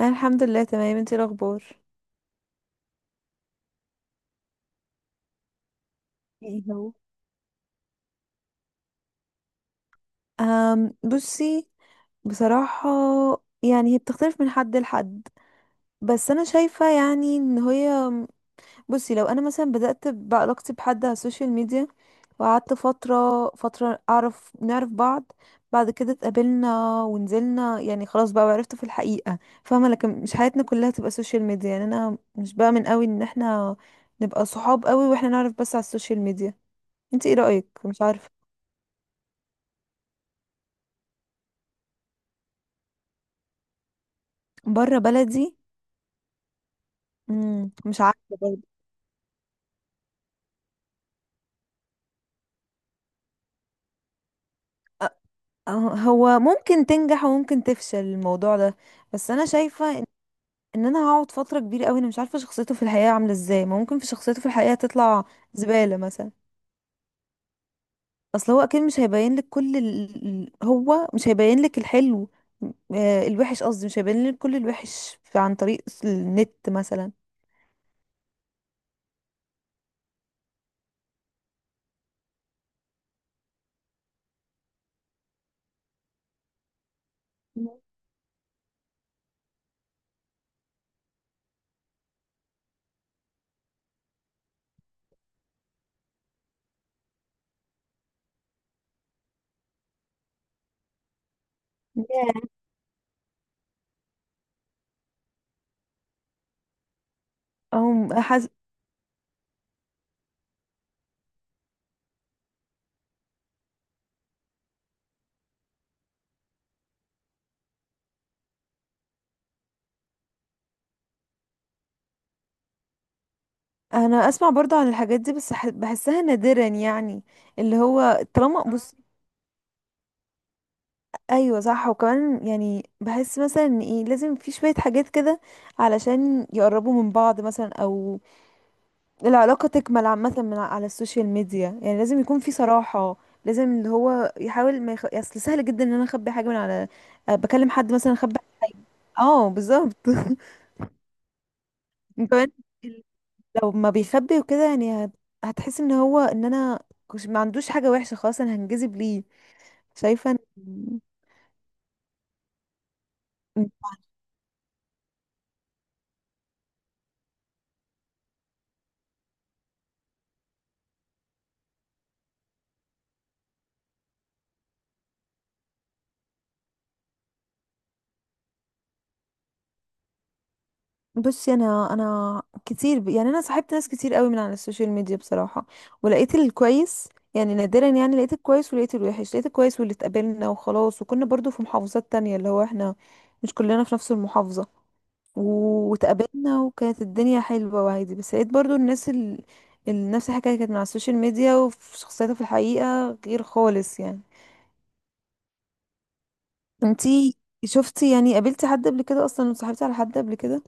انا الحمد لله تمام. انتي إيه الاخبار؟ ايه هو؟ بصي. بصراحة، يعني هي بتختلف من حد لحد. بس انا شايفة يعني ان هي... بصي، لو انا مثلا بدأت بعلاقتي بحد على السوشيال ميديا وقعدت فترة فترة نعرف بعض، بعد كده اتقابلنا ونزلنا يعني خلاص بقى وعرفته في الحقيقة. فاهمة؟ لكن مش حياتنا كلها تبقى سوشيال ميديا، يعني انا مش بأمن قوي ان احنا نبقى صحاب قوي واحنا نعرف بس على السوشيال ميديا. انتي ايه رأيك؟ مش عارفة. بره بلدي. مم. مش عارفة برضه. أ- أه- هو ممكن تنجح وممكن تفشل الموضوع ده. بس انا شايفة إن انا هقعد فترة كبيرة قوي، انا مش عارفة شخصيته في الحقيقة عاملة ازاي، ما ممكن في شخصيته في الحقيقة تطلع زبالة مثلا. اصل هو اكيد مش هيبين لك كل هو مش هيبين لك الحلو. الوحش قصدي، مش هيبين لك كل الوحش عن طريق النت مثلا. أو حز... أنا أسمع برضو عن الحاجات دي بس بحسها نادرا، يعني اللي هو طالما بص. ايوه صح. وكمان يعني بحس مثلا ان ايه، لازم في شويه حاجات كده علشان يقربوا من بعض مثلا، او العلاقه تكمل عامه من على السوشيال ميديا. يعني لازم يكون في صراحه، لازم اللي هو يحاول ما اصل سهل جدا ان انا اخبي حاجه من على... بكلم حد مثلا اخبي. اه بالظبط كمان ال- لو ما بيخبي وكده يعني هتحس ان هو ان انا ما عندوش حاجه وحشه، خلاص انا هنجذب ليه. شايفه بصي، انا كتير يعني انا صاحبت ناس كتير قوي من على السوشيال ميديا بصراحه. ولقيت الكويس يعني نادرا، يعني لقيت الكويس ولقيت الوحش. لقيت الكويس واللي اتقابلنا وخلاص، وكنا برضو في محافظات تانية، اللي هو احنا مش كلنا في نفس المحافظه. واتقابلنا وكانت الدنيا حلوه وعادي. بس لقيت برضو الناس نفس الحكايه كانت من على السوشيال ميديا وفي شخصيتها في الحقيقه غير خالص يعني. انتي يعني قابلتي حد قبل كده اصلا وصاحبتي على حد قبل كده؟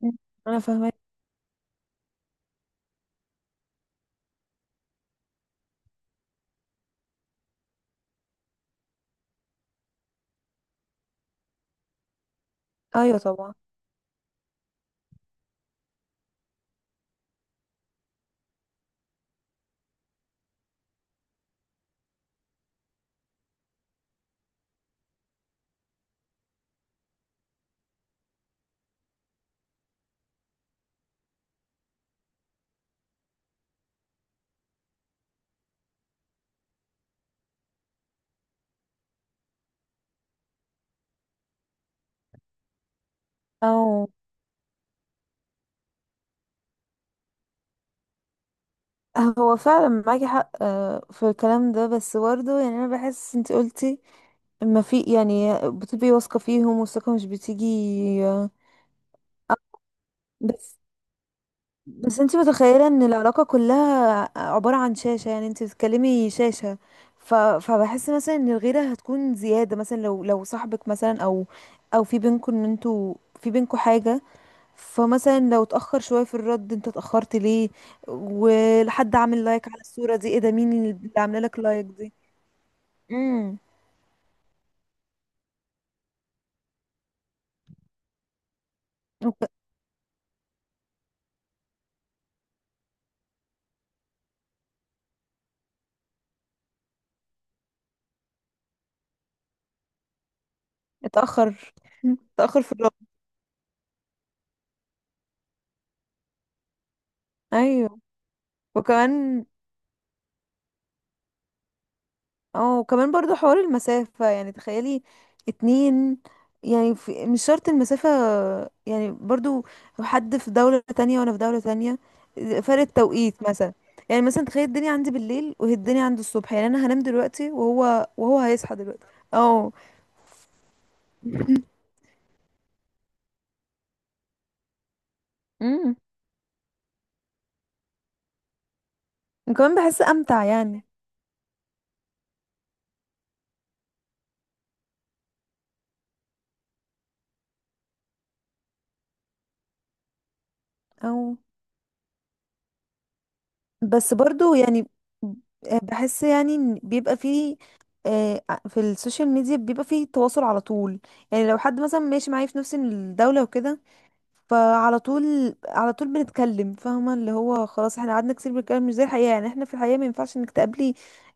مم. انا فاهمه. ايوه طبعا. او هو فعلا معاكي حق في الكلام ده، بس برضه يعني انا بحس انت قلتي ما في، يعني بتبقي واثقه فيهم والثقه مش بتيجي. آه، بس بس انت متخيله ان العلاقه كلها عباره عن شاشه، يعني انت بتتكلمي شاشه. فبحس مثلا ان الغيره هتكون زياده مثلا، لو صاحبك مثلا، او او في بينكم ان انتوا في بينكم حاجه. فمثلا لو اتأخر شوية في الرد، انت اتأخرت ليه؟ ولحد عامل لايك على الصورة دي، ايه ده؟ مين اللي عامله لك لايك دي؟ امم. وك- اتأخر اتأخر في الرد. ايوه وكمان. اه، وكمان برضو حوار المسافة. يعني تخيلي، اتنين، يعني في مش شرط المسافة، يعني برضو لو حد في دولة تانية وانا في دولة تانية، فرق التوقيت مثلا. يعني مثلا تخيل الدنيا عندي بالليل وهي الدنيا عنده الصبح، يعني انا هنام دلوقتي وهو هيصحى دلوقتي. اه. امم. وكمان بحس امتع يعني. او بس برضو يعني بحس يعني ان بيبقى فيه... آه، في السوشيال ميديا بيبقى فيه تواصل على طول. يعني لو حد مثلا ماشي معايا في نفس الدولة وكده، فعلى طول على طول بنتكلم، فاهمة اللي هو خلاص احنا قعدنا كتير بنتكلم. مش زي الحقيقة، يعني احنا في الحقيقة ما ينفعش انك تقابلي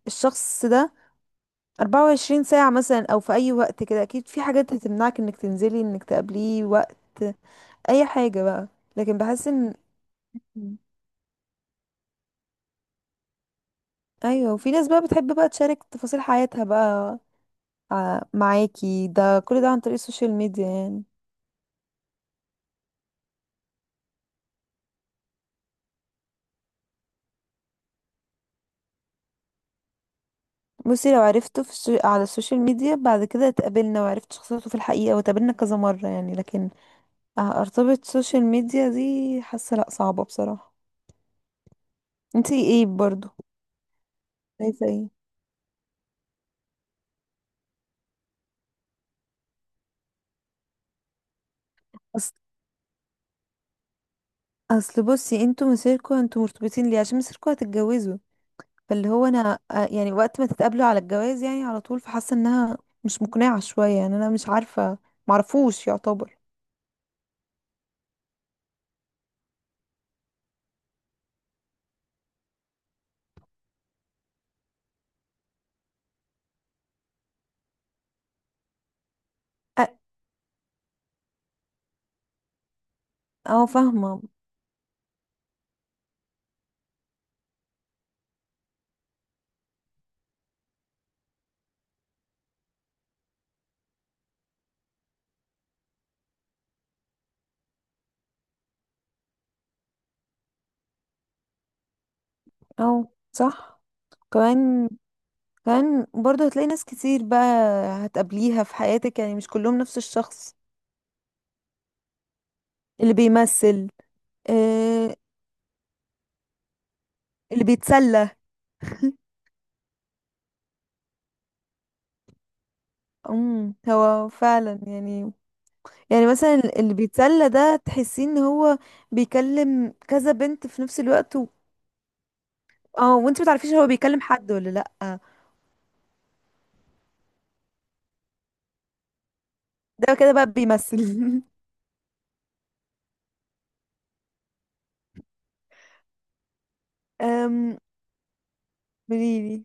الشخص ده 24 ساعة مثلا، او في اي وقت كده اكيد في حاجات هتمنعك انك تنزلي انك تقابليه وقت اي حاجة بقى. لكن بحس ان... مم. ايوه، وفي ناس بقى بتحب بقى تشارك تفاصيل حياتها بقى معاكي، ده كل ده عن طريق السوشيال ميديا يعني. بصي، لو عرفته في على السوشيال ميديا، بعد كده اتقابلنا وعرفت شخصيته في الحقيقة واتقابلنا كذا مرة يعني، لكن ارتبط سوشيال ميديا دي، حاسة لا صعبة بصراحة. انتي ايه برضو شايفة ايه؟ اصل اصل بصي انتوا مسيركوا انتوا مرتبطين ليه، عشان مسيركوا هتتجوزوا. فاللي هو انا يعني وقت ما تتقابلوا على الجواز يعني على طول، فحاسه انها مش مقنعه شويه يعني، انا مش عارفه، معرفوش يعتبر. أ- اه فاهمه. اه صح. كمان كمان برضه هتلاقي ناس كتير بقى هتقابليها في حياتك، يعني مش كلهم نفس الشخص اللي بيمثل. آه، اللي بيتسلى هو فعلا يعني، يعني مثلا اللي بيتسلى ده تحسين ان هو بيكلم كذا بنت في نفس الوقت، اه وانت ما تعرفيش هو بيكلم حد ولا لا. ده كده بقى بيمثل أم، قوليلي.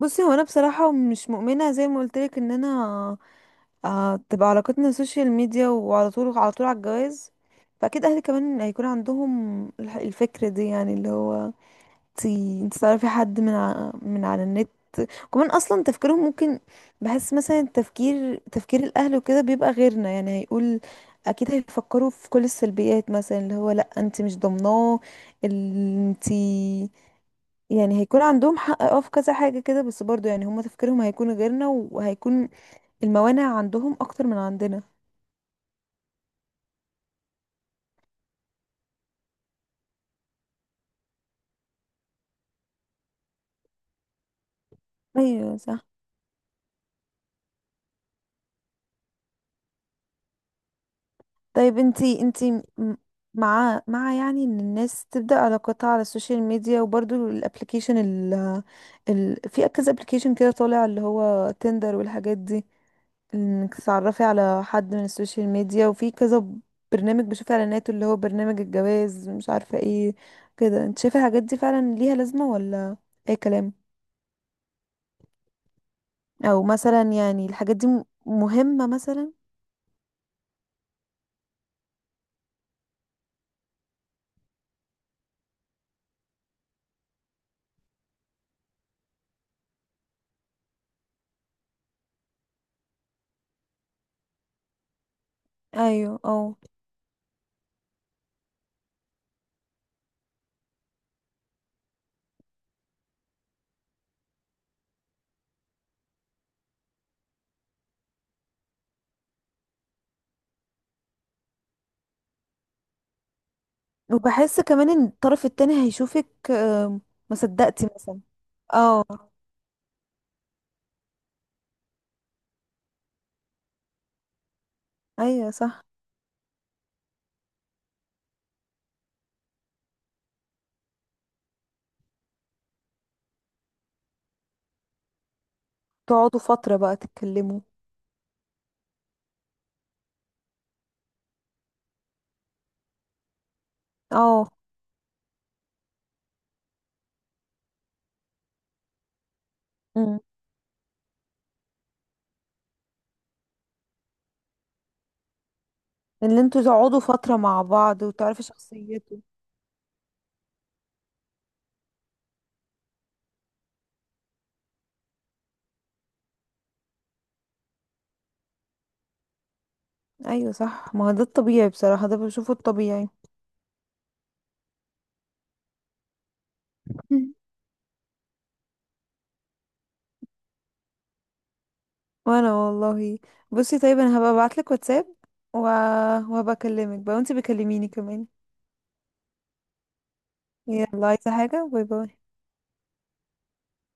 بصي هو انا بصراحه مش مؤمنه زي ما قلت لك ان انا تبقى علاقتنا سوشيال ميديا وعلى طول على طول على الجواز. فاكيد اهلي كمان هيكون عندهم الفكره دي، يعني اللي هو انت انت تعرفي حد من من على النت. كمان اصلا تفكيرهم ممكن، بحس مثلا تفكير الاهل وكده بيبقى غيرنا. يعني هيقول، اكيد هيفكروا في كل السلبيات مثلا، اللي هو لا انت مش ضامناه. انت، يعني هيكون عندهم حق في كذا حاجة كده، بس برضو يعني هما تفكيرهم هيكون غيرنا، وهيكون الموانع عندهم اكتر من عندنا. ايوه صح. طيب، انتي م- مع يعني ان الناس تبدأ علاقاتها على السوشيال ميديا، وبرضو الابليكيشن في كذا ابليكيشن كده طالع، اللي هو تندر والحاجات دي، انك تتعرفي على حد من السوشيال ميديا، وفي كذا برنامج، بشوف اعلاناته اللي هو برنامج الجواز مش عارفة ايه. كده انت شايفة الحاجات دي فعلا ليها لازمة ولا اي كلام؟ او مثلا يعني الحاجات دي مهمة مثلا؟ ايوه اه. وبحس كمان ان الطرف التاني هيشوفك. ما صدقتي مثلا. اه. ايوه صح. تقعدوا فترة بقى تتكلموا. اه. امم. اللي انتوا تقعدوا فترة مع بعض وتعرفي شخصيته. ايوه صح، ما هو ده الطبيعي بصراحة، ده بشوفه الطبيعي. مم. وانا والله. بصي طيب، انا هبقى ابعتلك واتساب و... وهبقى اكلمك بقى وانتي بكلميني كمان. يلا، عايزة حاجة؟ باي باي.